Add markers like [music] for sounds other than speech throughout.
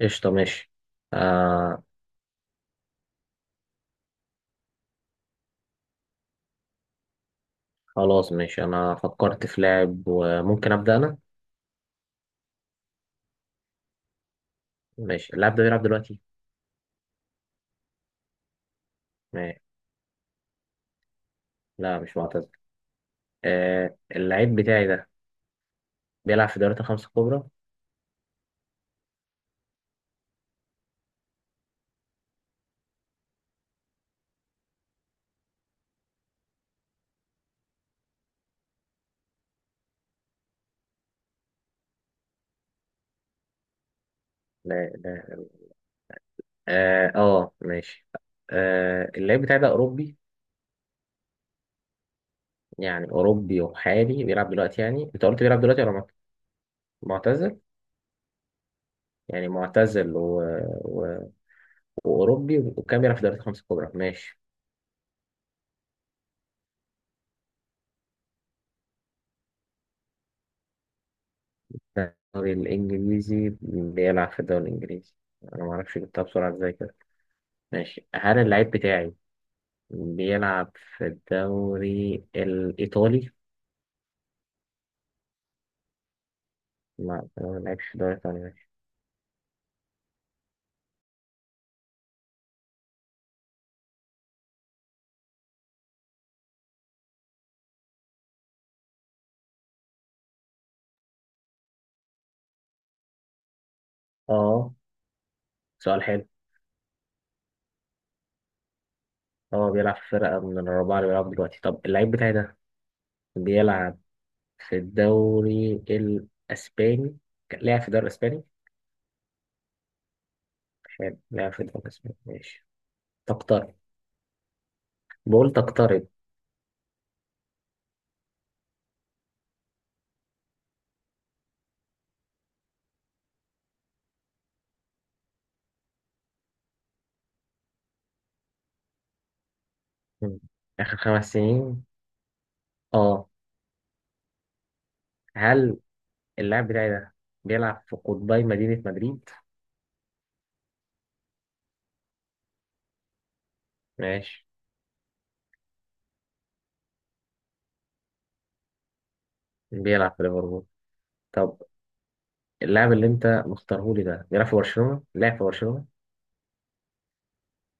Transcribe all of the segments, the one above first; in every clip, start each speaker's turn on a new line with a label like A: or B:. A: قشطة، ماشي. آه. خلاص ماشي، أنا فكرت في لاعب وممكن أبدأ أنا. ماشي. اللاعب ده بيلعب دلوقتي؟ ماشي. لا مش معتزل. آه اللاعب بتاعي ده بيلعب في دوريات الخمسة الكبرى. لا لا. آه، آه، ماشي. آه اللاعب بتاعي ده أوروبي، يعني أوروبي وحالي، بيلعب دلوقتي؟ يعني أنت قلت بيلعب دلوقتي ولا معتزل. يعني معتزل و... و... وأوروبي وكان بيلعب في دوريات الخمسة الكبرى، ماشي. الدوري الإنجليزي، بيلعب في الدوري الإنجليزي. أنا معرفش جبتها بسرعة إزاي كده. ماشي، هل اللعيب بتاعي بيلعب في الدوري الإيطالي؟ لا هو ما بيلعبش في الدوري الإيطالي، ماشي. آه، سؤال حلو. هو بيلعب في فرقة من الرابعة اللي بيلعب دلوقتي. طب اللعيب بتاعي ده بيلعب في الدوري الإسباني، لعب في الدوري الإسباني؟ حلو، لعب في الدوري الإسباني، ماشي. تقترب. بقول تقترب. مم. آخر 5 سنين. آه. هل اللاعب بتاعي ده بيلعب في قطبي مدينة مدريد؟ ماشي. بيلعب في ليفربول. طب اللاعب اللي انت مختاره لي ده بيلعب في برشلونة، لعب في برشلونة؟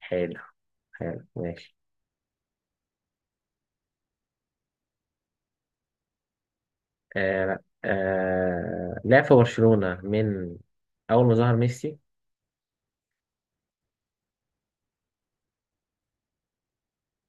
A: حلو. حلو ماشي. آه لا. آه لعب في برشلونة من أول ما ظهر ميسي.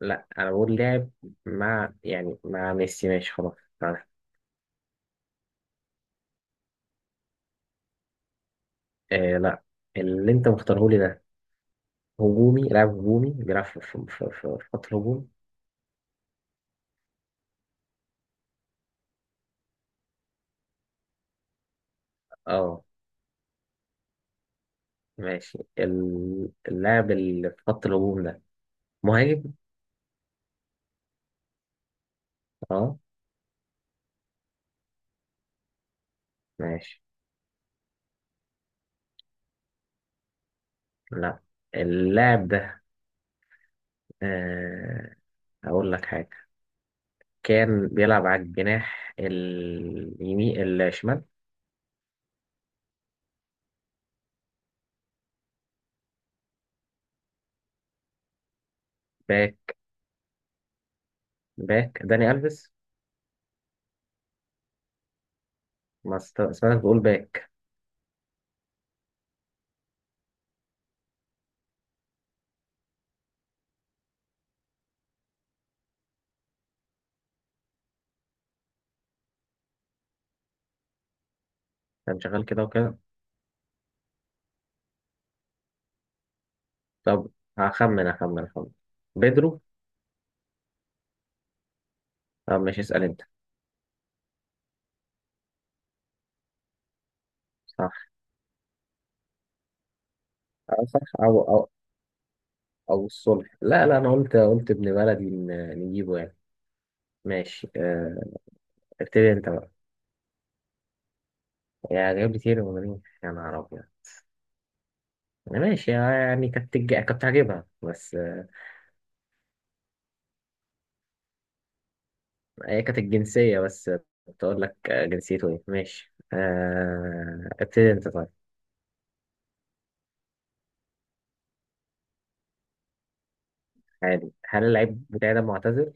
A: لا أنا بقول لعب، مع يعني مع ميسي، ماشي خلاص، عارف. آه لا. اللي انت مختاره لي ده هجومي، لاعب هجومي، بيلعب في خط الهجوم. اه. ماشي، اللاعب اللي في خط الهجوم ده مهاجم. اه. ماشي. لا. اللاعب ده، آه هقول لك حاجة، كان بيلعب على الجناح اليمين الشمال. باك، باك داني ألفيس. ما است- سمعتك بتقول باك. كان شغال كده وكده. طب هخمن بيدرو. طب ماشي، اسأل انت. صح. أو صح، أو الصلح. لا لا، أنا قلت ابن بلدي نجيبه يعني. ماشي، ابتدي انت بقى. يا جايب لي كتير ولا مين، يا نهار أبيض. ماشي يعني كنت هجيبها بس. هي كانت الجنسية بس، كنت أقول لك، جنسيته إيه، ماشي، ابتدي أنت طيب. عادي. هل اللعيب بتاعي ده معتزل؟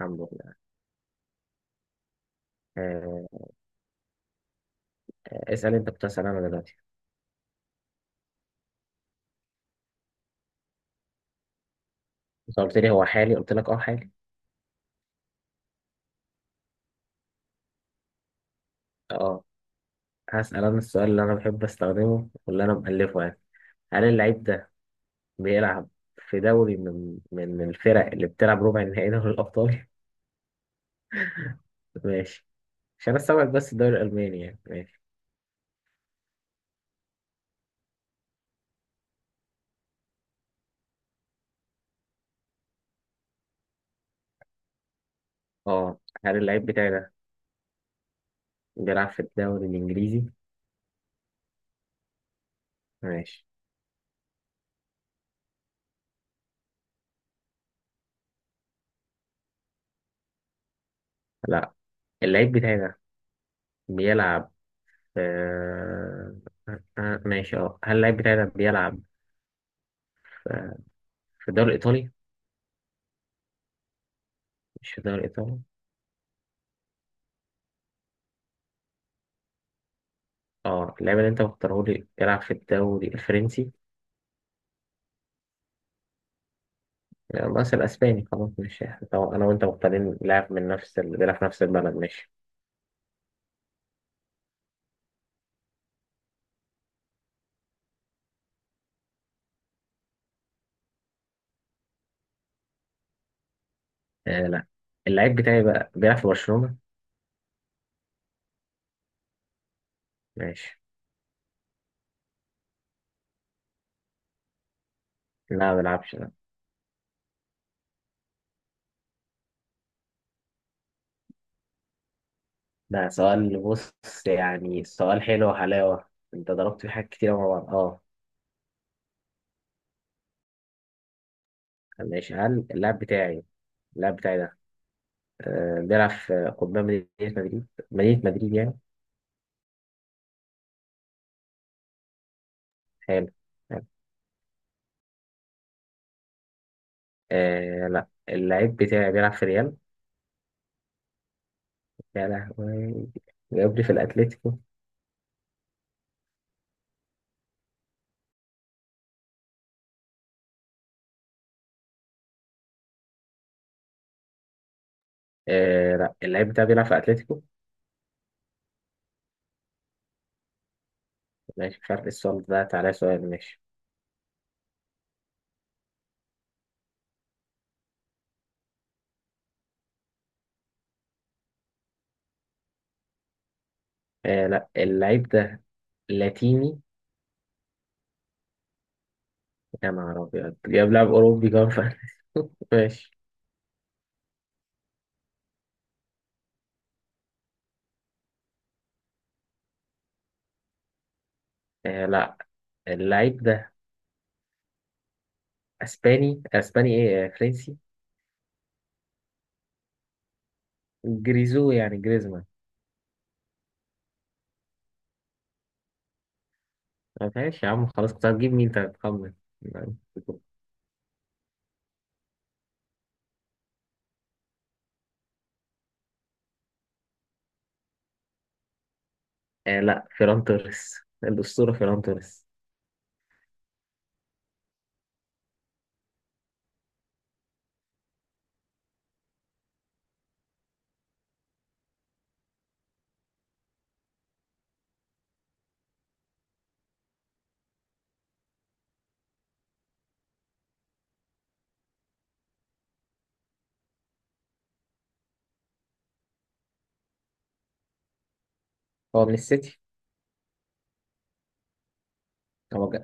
A: الحمد لله آه، اسأل أنت، كنت هسأل أنا دلوقتي. أنت قلت لي هو حالي، قلت لك أه حالي. أه. هسأل أنا السؤال اللي أنا بحب أستخدمه واللي أنا مألفه يعني. هل اللعيب ده بيلعب في دوري من الفرق اللي بتلعب ربع النهائي دوري الأبطال؟ [laughs] ماشي عشان أستوعب بس، الدوري الألماني يعني، ماشي. أه. هل اللعيب بتاعي ده بيلعب في الدوري الإنجليزي؟ ماشي. لا اللعيب بتاعي ده بيلعب في، ماشي اه هل اللعيب بتاعي ده بيلعب في في الدوري الإيطالي؟ مش في الدوري الإيطالي. اه اللعيب اللي أنت مختاره لي بيلعب في الدوري الفرنسي. لا، بس الأسباني، خلاص ماشي. طبعا أنا وأنت مختارين لاعب من نفس ال، بيلعب في نفس البلد، ماشي. آه لا. اللعيب بتاعي بقى بيلعب في برشلونة. ماشي. لا ما بيلعبش لا. ده سؤال، بص، يعني سؤال حلو وحلاوة، انت ضربت في حاجات كتير مع بعض، اه. ماشي هل اللاعب بتاعي ده بيلعب في قطبان مدينة مدريد، مدينة مدريد يعني. حلو. حلو. آه لا. اللاعب بتاعي بيلعب في ريال. يا لهوي، جاب لي في الأتليتيكو. آه لا اللاعب بتاعي بيلعب في أتليتيكو. ماشي، مش عارف ايه السؤال ده، تعالى سؤال، ماشي. آه لا. اللاعب ده لاتيني. يا نهار أبيض، جاب لاعب أوروبي كمان في أتلتيكو. [laughs] ماشي. آه لا. اللعيب ده اسباني، اسباني ايه، فرنسي. جريزو يعني جريزمان. طب ماشي يا عم خلاص، كنت هتجيب مين انت هتخمن؟ آه لا فيران توريس، الأسطورة فيران توريس. هو من السيتي. هو جا.